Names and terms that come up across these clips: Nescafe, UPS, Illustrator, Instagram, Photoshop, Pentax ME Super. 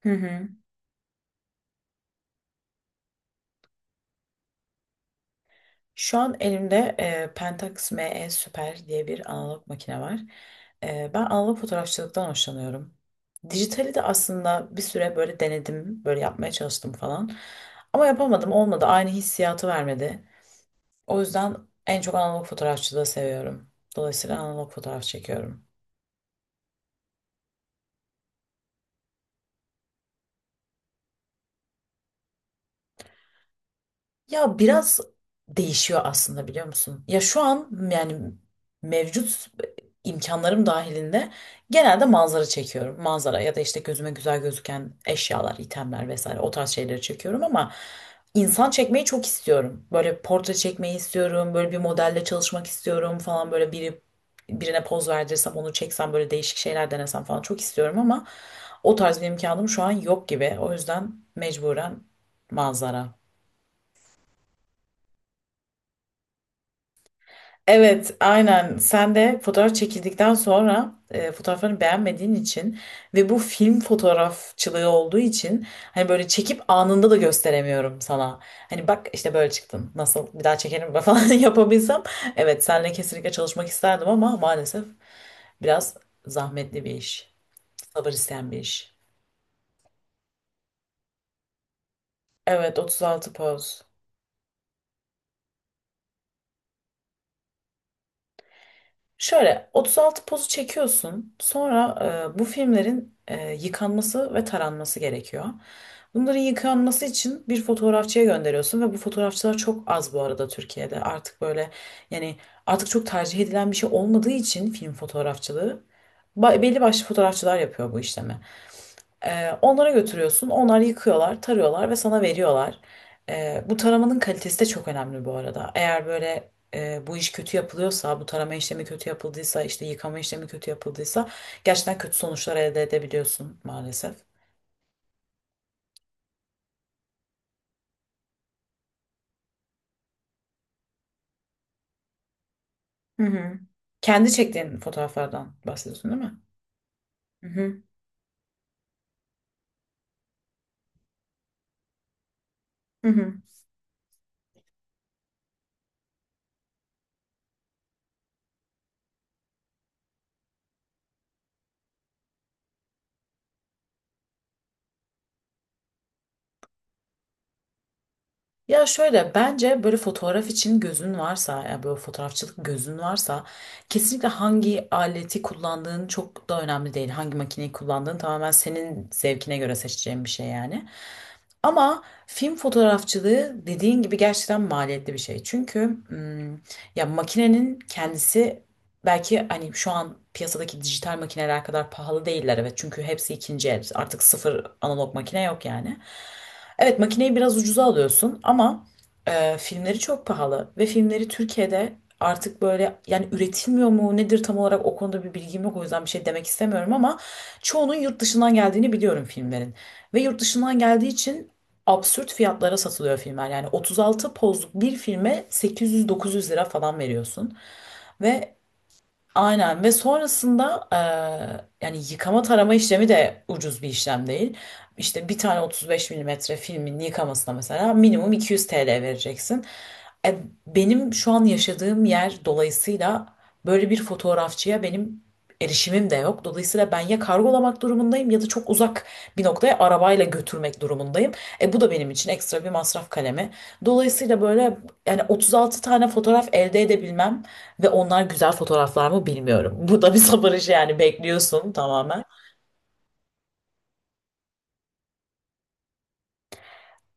Hı hı. Şu an elimde Pentax ME Super diye bir analog makine var. Ben analog fotoğrafçılıktan hoşlanıyorum. Dijitali de aslında bir süre böyle denedim, böyle yapmaya çalıştım falan. Ama yapamadım, olmadı. Aynı hissiyatı vermedi. O yüzden en çok analog fotoğrafçılığı seviyorum. Dolayısıyla analog fotoğraf çekiyorum. Ya biraz değişiyor aslında, biliyor musun? Ya şu an yani mevcut imkanlarım dahilinde genelde manzara çekiyorum. Manzara ya da işte gözüme güzel gözüken eşyalar, itemler vesaire o tarz şeyleri çekiyorum ama insan çekmeyi çok istiyorum. Böyle portre çekmeyi istiyorum, böyle bir modelle çalışmak istiyorum falan, böyle birine poz verdirsem onu çeksem böyle değişik şeyler denesem falan çok istiyorum ama o tarz bir imkanım şu an yok gibi. O yüzden mecburen manzara. Evet, aynen. Sen de fotoğraf çekildikten sonra fotoğraflarını beğenmediğin için ve bu film fotoğrafçılığı olduğu için hani böyle çekip anında da gösteremiyorum sana. Hani bak işte böyle çıktın. Nasıl bir daha çekelim falan yapabilsem. Evet, seninle kesinlikle çalışmak isterdim ama maalesef biraz zahmetli bir iş. Sabır isteyen bir iş. Evet, 36 poz. Şöyle 36 pozu çekiyorsun. Sonra bu filmlerin yıkanması ve taranması gerekiyor. Bunların yıkanması için bir fotoğrafçıya gönderiyorsun ve bu fotoğrafçılar çok az bu arada Türkiye'de. Artık böyle, yani artık çok tercih edilen bir şey olmadığı için film fotoğrafçılığı belli başlı fotoğrafçılar yapıyor bu işlemi. Onlara götürüyorsun. Onlar yıkıyorlar, tarıyorlar ve sana veriyorlar. Bu taramanın kalitesi de çok önemli bu arada. Eğer böyle bu iş kötü yapılıyorsa, bu tarama işlemi kötü yapıldıysa, işte yıkama işlemi kötü yapıldıysa gerçekten kötü sonuçlar elde edebiliyorsun maalesef. Hı hı. Kendi çektiğin fotoğraflardan bahsediyorsun, değil mi? Hı hı. Hı hı. Ya şöyle, bence böyle fotoğraf için gözün varsa, ya böyle fotoğrafçılık gözün varsa kesinlikle hangi aleti kullandığın çok da önemli değil. Hangi makineyi kullandığın tamamen senin zevkine göre seçeceğin bir şey yani. Ama film fotoğrafçılığı dediğin gibi gerçekten maliyetli bir şey. Çünkü ya makinenin kendisi belki hani şu an piyasadaki dijital makineler kadar pahalı değiller, evet. Çünkü hepsi ikinci el. Artık sıfır analog makine yok yani. Evet, makineyi biraz ucuza alıyorsun ama filmleri çok pahalı ve filmleri Türkiye'de artık böyle, yani üretilmiyor mu nedir tam olarak, o konuda bir bilgim yok, o yüzden bir şey demek istemiyorum ama çoğunun yurt dışından geldiğini biliyorum filmlerin ve yurt dışından geldiği için absürt fiyatlara satılıyor filmler, yani 36 pozluk bir filme 800-900 lira falan veriyorsun ve aynen, ve sonrasında yani yıkama tarama işlemi de ucuz bir işlem değil. İşte bir tane 35 milimetre filmin yıkamasına mesela minimum 200 TL vereceksin. E, benim şu an yaşadığım yer dolayısıyla böyle bir fotoğrafçıya benim erişimim de yok. Dolayısıyla ben ya kargolamak durumundayım ya da çok uzak bir noktaya arabayla götürmek durumundayım. Bu da benim için ekstra bir masraf kalemi. Dolayısıyla böyle, yani 36 tane fotoğraf elde edebilmem ve onlar güzel fotoğraflar mı bilmiyorum. Bu da bir sabır işi yani, bekliyorsun tamamen.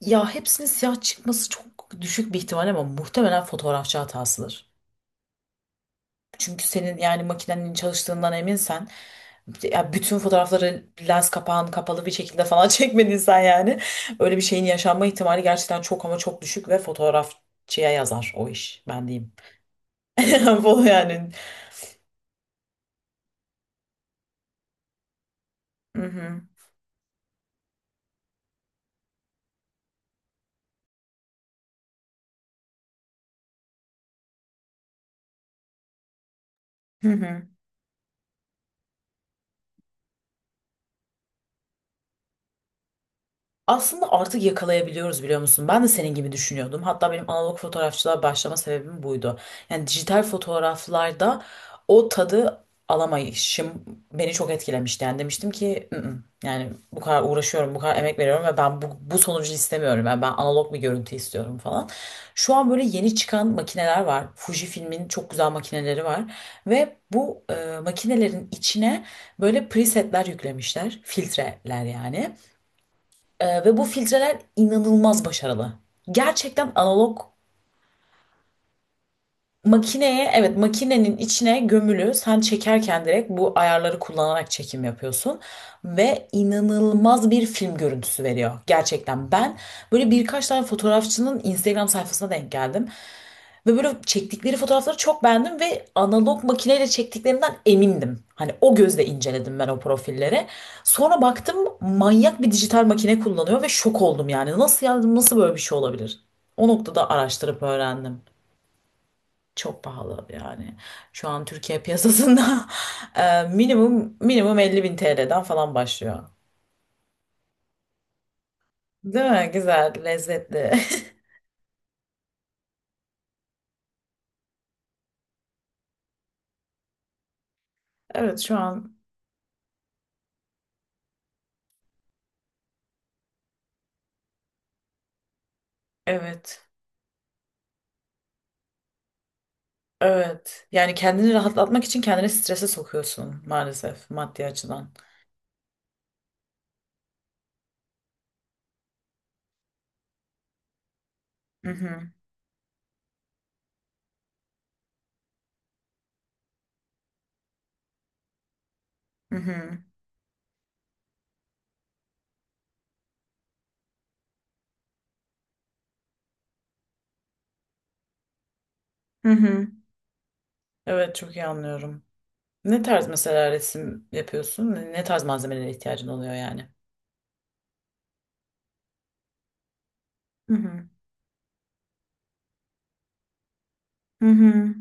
Ya hepsinin siyah çıkması çok düşük bir ihtimal ama muhtemelen fotoğrafçı hatasıdır. Çünkü senin yani makinenin çalıştığından eminsen, ya bütün fotoğrafları lens kapağın kapalı bir şekilde falan çekmediysen, yani öyle bir şeyin yaşanma ihtimali gerçekten çok ama çok düşük ve fotoğrafçıya yazar o iş, ben diyeyim. Bu yani. Hı hı. Hı hı. Aslında artık yakalayabiliyoruz, biliyor musun? Ben de senin gibi düşünüyordum. Hatta benim analog fotoğrafçılığa başlama sebebim buydu. Yani dijital fotoğraflarda o tadı alamayışım beni çok etkilemişti. Yani demiştim ki "Mm, mm." yani bu kadar uğraşıyorum, bu kadar emek veriyorum ve ben bu sonucu istemiyorum. Yani ben analog bir görüntü istiyorum falan. Şu an böyle yeni çıkan makineler var. Fujifilm'in çok güzel makineleri var. Ve bu makinelerin içine böyle presetler yüklemişler. Filtreler yani. Ve bu filtreler inanılmaz başarılı. Gerçekten analog makineye, evet, makinenin içine gömülü, sen çekerken direkt bu ayarları kullanarak çekim yapıyorsun. Ve inanılmaz bir film görüntüsü veriyor gerçekten. Ben böyle birkaç tane fotoğrafçının Instagram sayfasına denk geldim. Ve böyle çektikleri fotoğrafları çok beğendim ve analog makineyle çektiklerinden emindim. Hani o gözle inceledim ben o profilleri. Sonra baktım manyak bir dijital makine kullanıyor ve şok oldum yani. Nasıl yani, nasıl böyle bir şey olabilir? O noktada araştırıp öğrendim. Çok pahalı yani. Şu an Türkiye piyasasında minimum 50 bin TL'den falan başlıyor. Değil mi? Güzel, lezzetli. Evet şu an, evet. Evet. Yani kendini rahatlatmak için kendini strese sokuyorsun, maalesef maddi açıdan. Hı hı. Hı hı. Hı hı. Evet, çok iyi anlıyorum. Ne tarz mesela resim yapıyorsun? Ne tarz malzemelere ihtiyacın oluyor yani? Hı hı. Hı hı.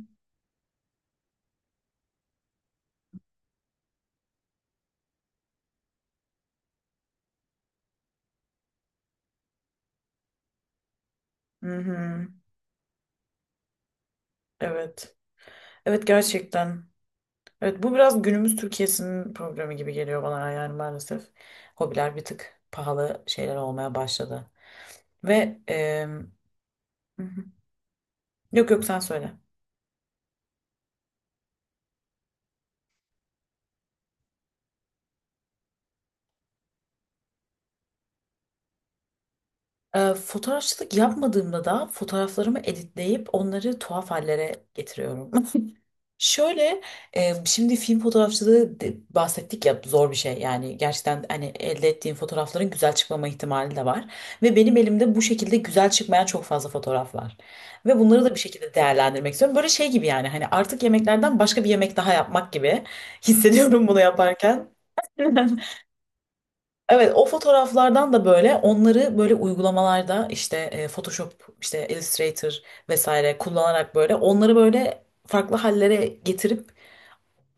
Hı hı. Evet. Evet, gerçekten. Evet bu biraz günümüz Türkiye'sinin problemi gibi geliyor bana, yani maalesef. Hobiler bir tık pahalı şeyler olmaya başladı. Ve Hı hı. Yok yok, sen söyle. Fotoğrafçılık yapmadığımda da fotoğraflarımı editleyip onları tuhaf hallere getiriyorum. Şöyle şimdi film fotoğrafçılığı bahsettik ya, zor bir şey yani, gerçekten, hani elde ettiğim fotoğrafların güzel çıkmama ihtimali de var ve benim elimde bu şekilde güzel çıkmayan çok fazla fotoğraf var ve bunları da bir şekilde değerlendirmek istiyorum, böyle şey gibi yani, hani artık yemeklerden başka bir yemek daha yapmak gibi hissediyorum bunu yaparken. Evet, o fotoğraflardan da böyle onları böyle uygulamalarda işte Photoshop, işte Illustrator vesaire kullanarak böyle onları böyle farklı hallere getirip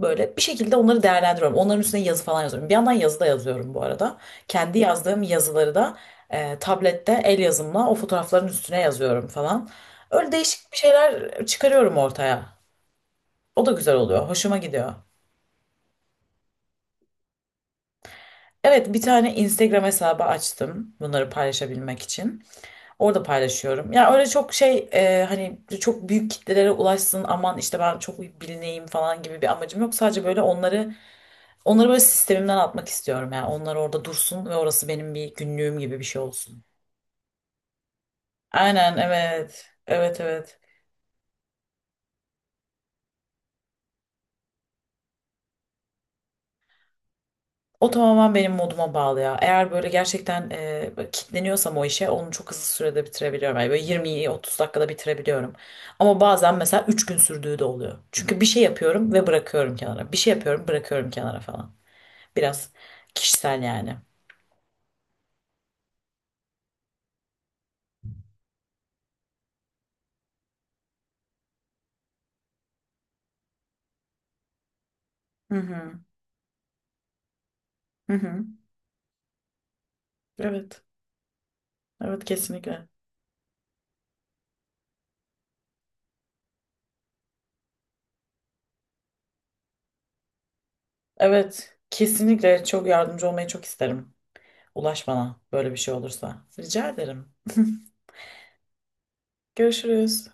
böyle bir şekilde onları değerlendiriyorum. Onların üstüne yazı falan yazıyorum. Bir yandan yazı da yazıyorum bu arada. Kendi yazdığım yazıları da tablette el yazımla o fotoğrafların üstüne yazıyorum falan. Öyle değişik bir şeyler çıkarıyorum ortaya. O da güzel oluyor. Hoşuma gidiyor. Evet, bir tane Instagram hesabı açtım bunları paylaşabilmek için. Orada paylaşıyorum. Ya öyle, çok şey, hani çok büyük kitlelere ulaşsın, aman işte ben çok bilineyim falan gibi bir amacım yok. Sadece böyle onları böyle sistemimden atmak istiyorum. Yani onlar orada dursun ve orası benim bir günlüğüm gibi bir şey olsun. Aynen, evet. Evet, evet. O tamamen benim moduma bağlı ya. Eğer böyle gerçekten böyle kitleniyorsam o işe, onu çok hızlı sürede bitirebiliyorum. Yani böyle 20-30 dakikada bitirebiliyorum. Ama bazen mesela 3 gün sürdüğü de oluyor. Çünkü bir şey yapıyorum ve bırakıyorum kenara. Bir şey yapıyorum, bırakıyorum kenara falan. Biraz kişisel yani. Hı hı. Hı hı. Evet. Evet kesinlikle. Evet. Kesinlikle çok yardımcı olmayı çok isterim. Ulaş bana böyle bir şey olursa. Rica ederim. Görüşürüz.